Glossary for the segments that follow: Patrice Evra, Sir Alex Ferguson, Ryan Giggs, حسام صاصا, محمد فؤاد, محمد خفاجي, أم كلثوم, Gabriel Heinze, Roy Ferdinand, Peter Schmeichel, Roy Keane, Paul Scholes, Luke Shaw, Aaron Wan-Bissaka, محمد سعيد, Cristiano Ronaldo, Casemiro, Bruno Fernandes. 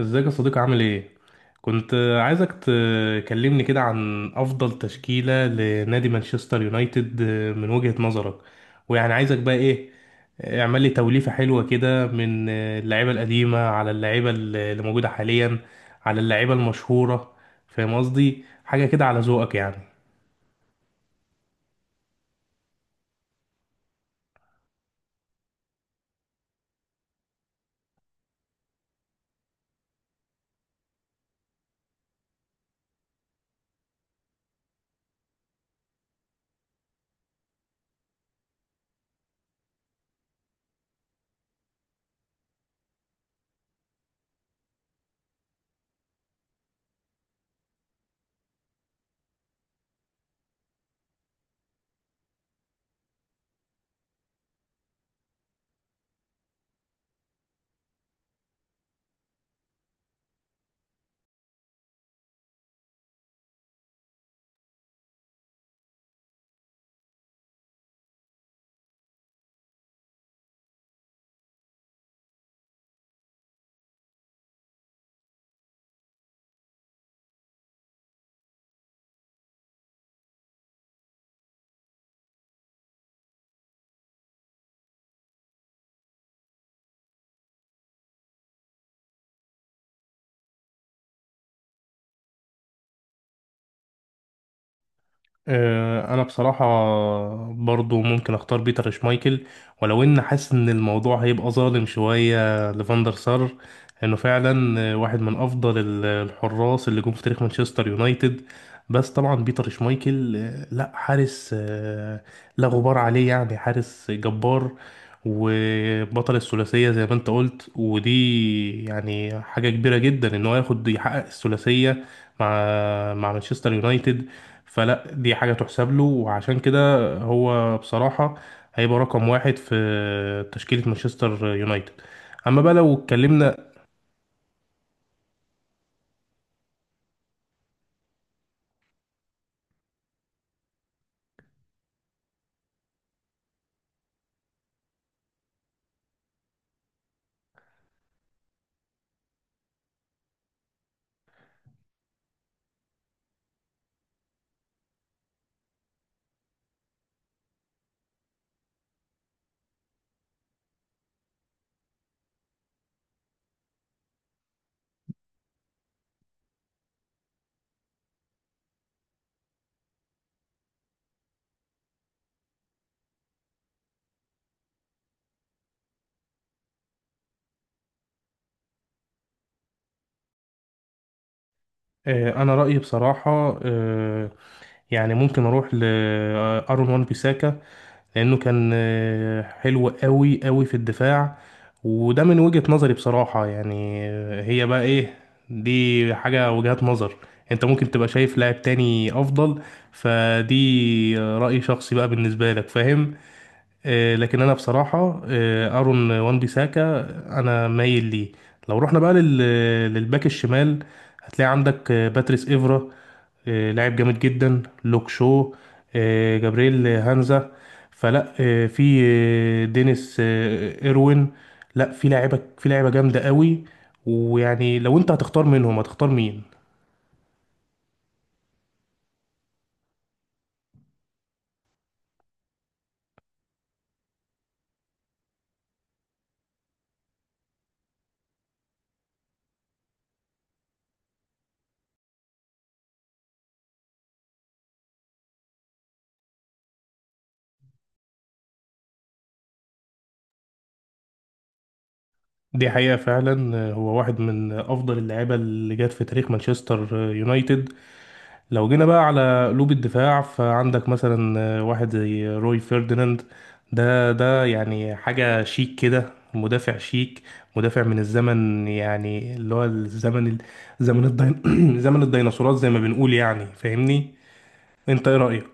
ازيك يا صديقي عامل ايه؟ كنت عايزك تكلمني كده عن افضل تشكيلة لنادي مانشستر يونايتد من وجهة نظرك. ويعني عايزك بقى ايه، اعمل لي توليفة حلوة كده من اللعيبة القديمة على اللعيبة اللي موجودة حاليا، على اللعيبة المشهورة. فاهم قصدي؟ حاجة كده على ذوقك يعني. انا بصراحة برضو ممكن اختار بيتر شمايكل، ولو ان حاسس ان الموضوع هيبقى ظالم شوية لفاندر سار، انه فعلا واحد من افضل الحراس اللي جم في تاريخ مانشستر يونايتد. بس طبعا بيتر شمايكل لا حارس لا غبار عليه، يعني حارس جبار وبطل الثلاثية زي ما انت قلت، ودي يعني حاجة كبيرة جدا ان هو ياخد يحقق الثلاثية مع مع مانشستر يونايتد. فلا دي حاجة تحسب له، وعشان كده هو بصراحة هيبقى رقم واحد في تشكيلة مانشستر يونايتد. أما بقى لو اتكلمنا أنا رأيي بصراحة يعني ممكن أروح لأرون وان بيساكا، لأنه كان حلو قوي قوي في الدفاع. وده من وجهة نظري بصراحة، يعني هي بقى إيه، دي حاجة وجهات نظر. أنت ممكن تبقى شايف لاعب تاني أفضل، فدي رأي شخصي بقى بالنسبة لك، فاهم؟ لكن انا بصراحه ارون وان بيساكا انا مايل ليه. لو رحنا بقى للباك الشمال، هتلاقي عندك باتريس ايفرا، لاعب جامد جدا لوك شو، جابرييل هانزا، فلا في دينيس ايروين. لا في لاعيبه، في لاعيبه جامده قوي. ويعني لو انت هتختار منهم هتختار مين؟ دي حقيقة فعلا، هو واحد من أفضل اللعيبة اللي جت في تاريخ مانشستر يونايتد. لو جينا بقى على قلوب الدفاع، فعندك مثلا واحد زي روي فيرديناند. ده يعني حاجة شيك كده، مدافع شيك، مدافع من الزمن، يعني اللي هو الزمن زمن زمن الديناصورات زي ما بنقول، يعني فاهمني. انت ايه رأيك؟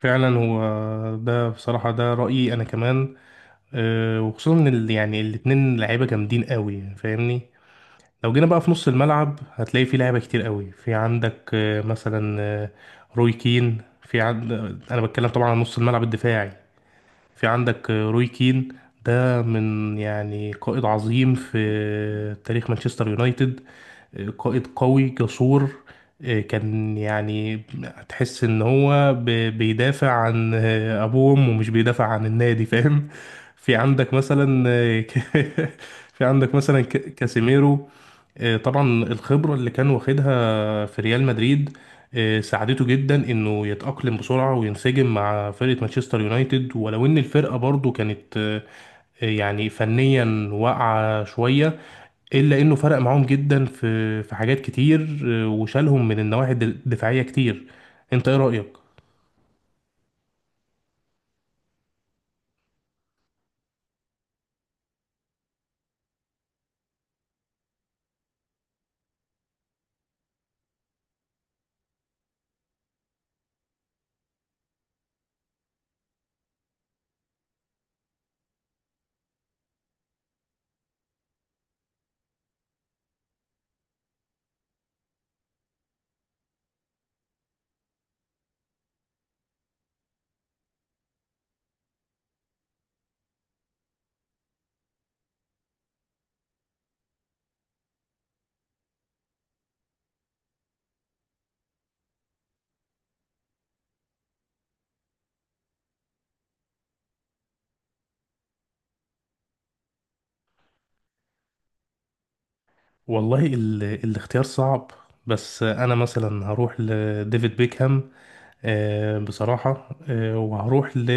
فعلا هو، ده بصراحة ده رأيي انا كمان. وخصوصا ان يعني الاتنين لعيبة جامدين قوي فاهمني. لو جينا بقى في نص الملعب، هتلاقي في لعيبة كتير قوي. عندك مثلا روي كين. في عند آه، انا بتكلم طبعا عن نص الملعب الدفاعي. في عندك روي كين، ده من يعني قائد عظيم في تاريخ مانشستر يونايتد، قائد قوي جسور، كان يعني تحس ان هو بيدافع عن ابوه وامه ومش بيدافع عن النادي، فاهم؟ في عندك مثلا في عندك مثلا كاسيميرو. طبعا الخبرة اللي كان واخدها في ريال مدريد ساعدته جدا انه يتأقلم بسرعة وينسجم مع فرقة مانشستر يونايتد، ولو ان الفرقة برضو كانت يعني فنيا واقعة شوية. الا انه فرق معاهم جدا في حاجات كتير، وشالهم من النواحي الدفاعية كتير. انت ايه رأيك؟ والله الاختيار صعب، بس انا مثلا هروح لديفيد بيكهام، بصراحة، وهروح ل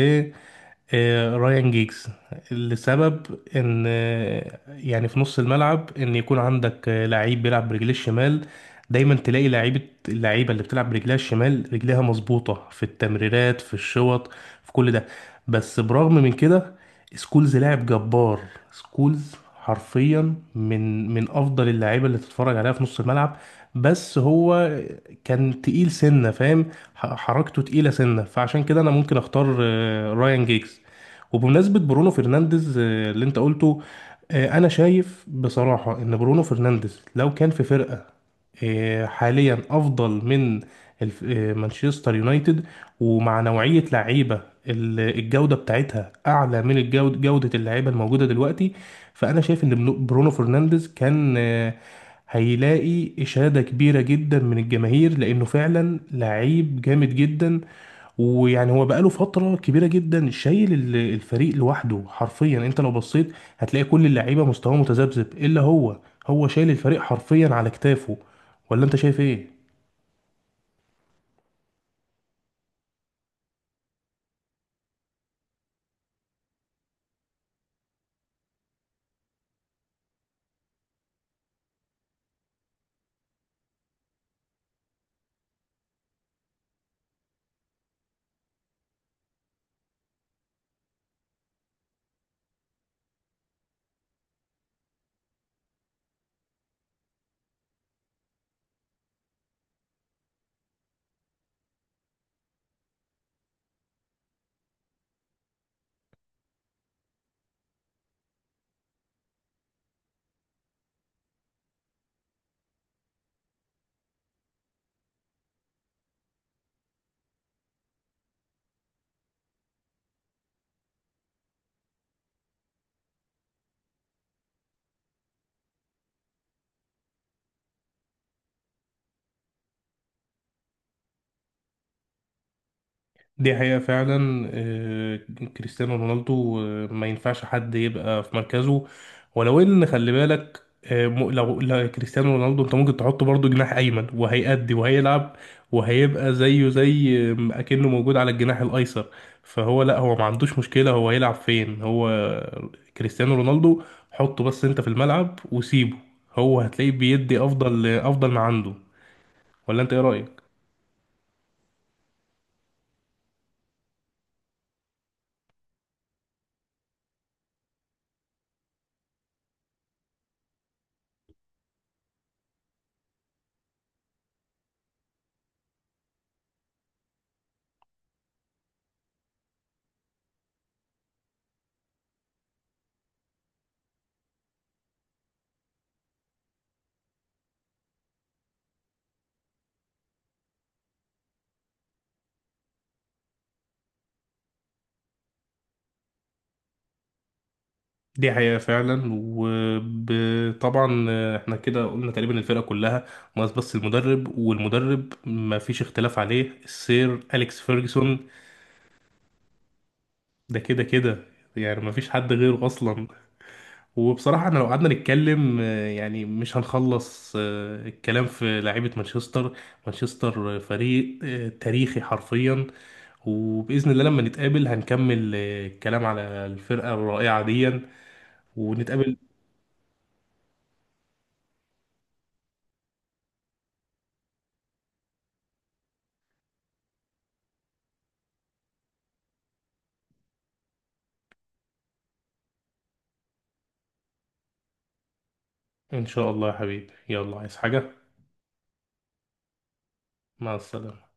رايان جيجز. لسبب ان يعني في نص الملعب ان يكون عندك لعيب بيلعب برجليه الشمال، دايما تلاقي لعيبة، اللعيبة اللي بتلعب برجلها الشمال رجلها مظبوطة في التمريرات، في الشوط، في كل ده. بس برغم من كده، سكولز لاعب جبار. سكولز حرفيا من افضل اللعيبة اللي تتفرج عليها في نص الملعب. بس هو كان تقيل سنة، فاهم؟ حركته تقيلة سنة، فعشان كده أنا ممكن أختار رايان جيجز. وبمناسبة برونو فرنانديز اللي أنت قلته، أنا شايف بصراحة إن برونو فرنانديز لو كان في فرقة حاليا أفضل من مانشستر يونايتد، ومع نوعية لعيبة الجودة بتاعتها أعلى من جودة اللعيبة الموجودة دلوقتي، فانا شايف ان برونو فرنانديز كان هيلاقي إشادة كبيرة جدا من الجماهير، لأنه فعلا لعيب جامد جدا. ويعني هو بقاله فترة كبيرة جدا شايل الفريق لوحده حرفيا. انت لو بصيت هتلاقي كل اللعيبة مستواه متذبذب إلا هو، هو شايل الفريق حرفيا على كتافه. ولا انت شايف ايه؟ دي حقيقة فعلا. كريستيانو رونالدو ما ينفعش حد يبقى في مركزه. ولو ان خلي بالك لو كريستيانو رونالدو انت ممكن تحطه برضه جناح ايمن وهيأدي وهيلعب وهيبقى زيه زي اكنه موجود على الجناح الايسر. فهو لا، هو ما عندوش مشكلة، هو هيلعب فين هو، كريستيانو رونالدو. حطه بس انت في الملعب وسيبه، هو هتلاقيه بيدي افضل ما عنده. ولا انت ايه رأيك؟ دي حقيقة فعلا. وطبعا احنا كده قلنا تقريبا الفرقة كلها، ناقص بس المدرب، والمدرب ما فيش اختلاف عليه، السير أليكس فيرجسون. ده كده كده، يعني ما فيش حد غيره أصلا. وبصراحة احنا لو قعدنا نتكلم يعني مش هنخلص الكلام في لعيبة مانشستر. مانشستر فريق تاريخي حرفيا، وبإذن الله لما نتقابل هنكمل الكلام على الفرقة الرائعة دي ونتقابل. إن شاء الله يا حبيبي، يلا عايز حاجة؟ مع السلامة.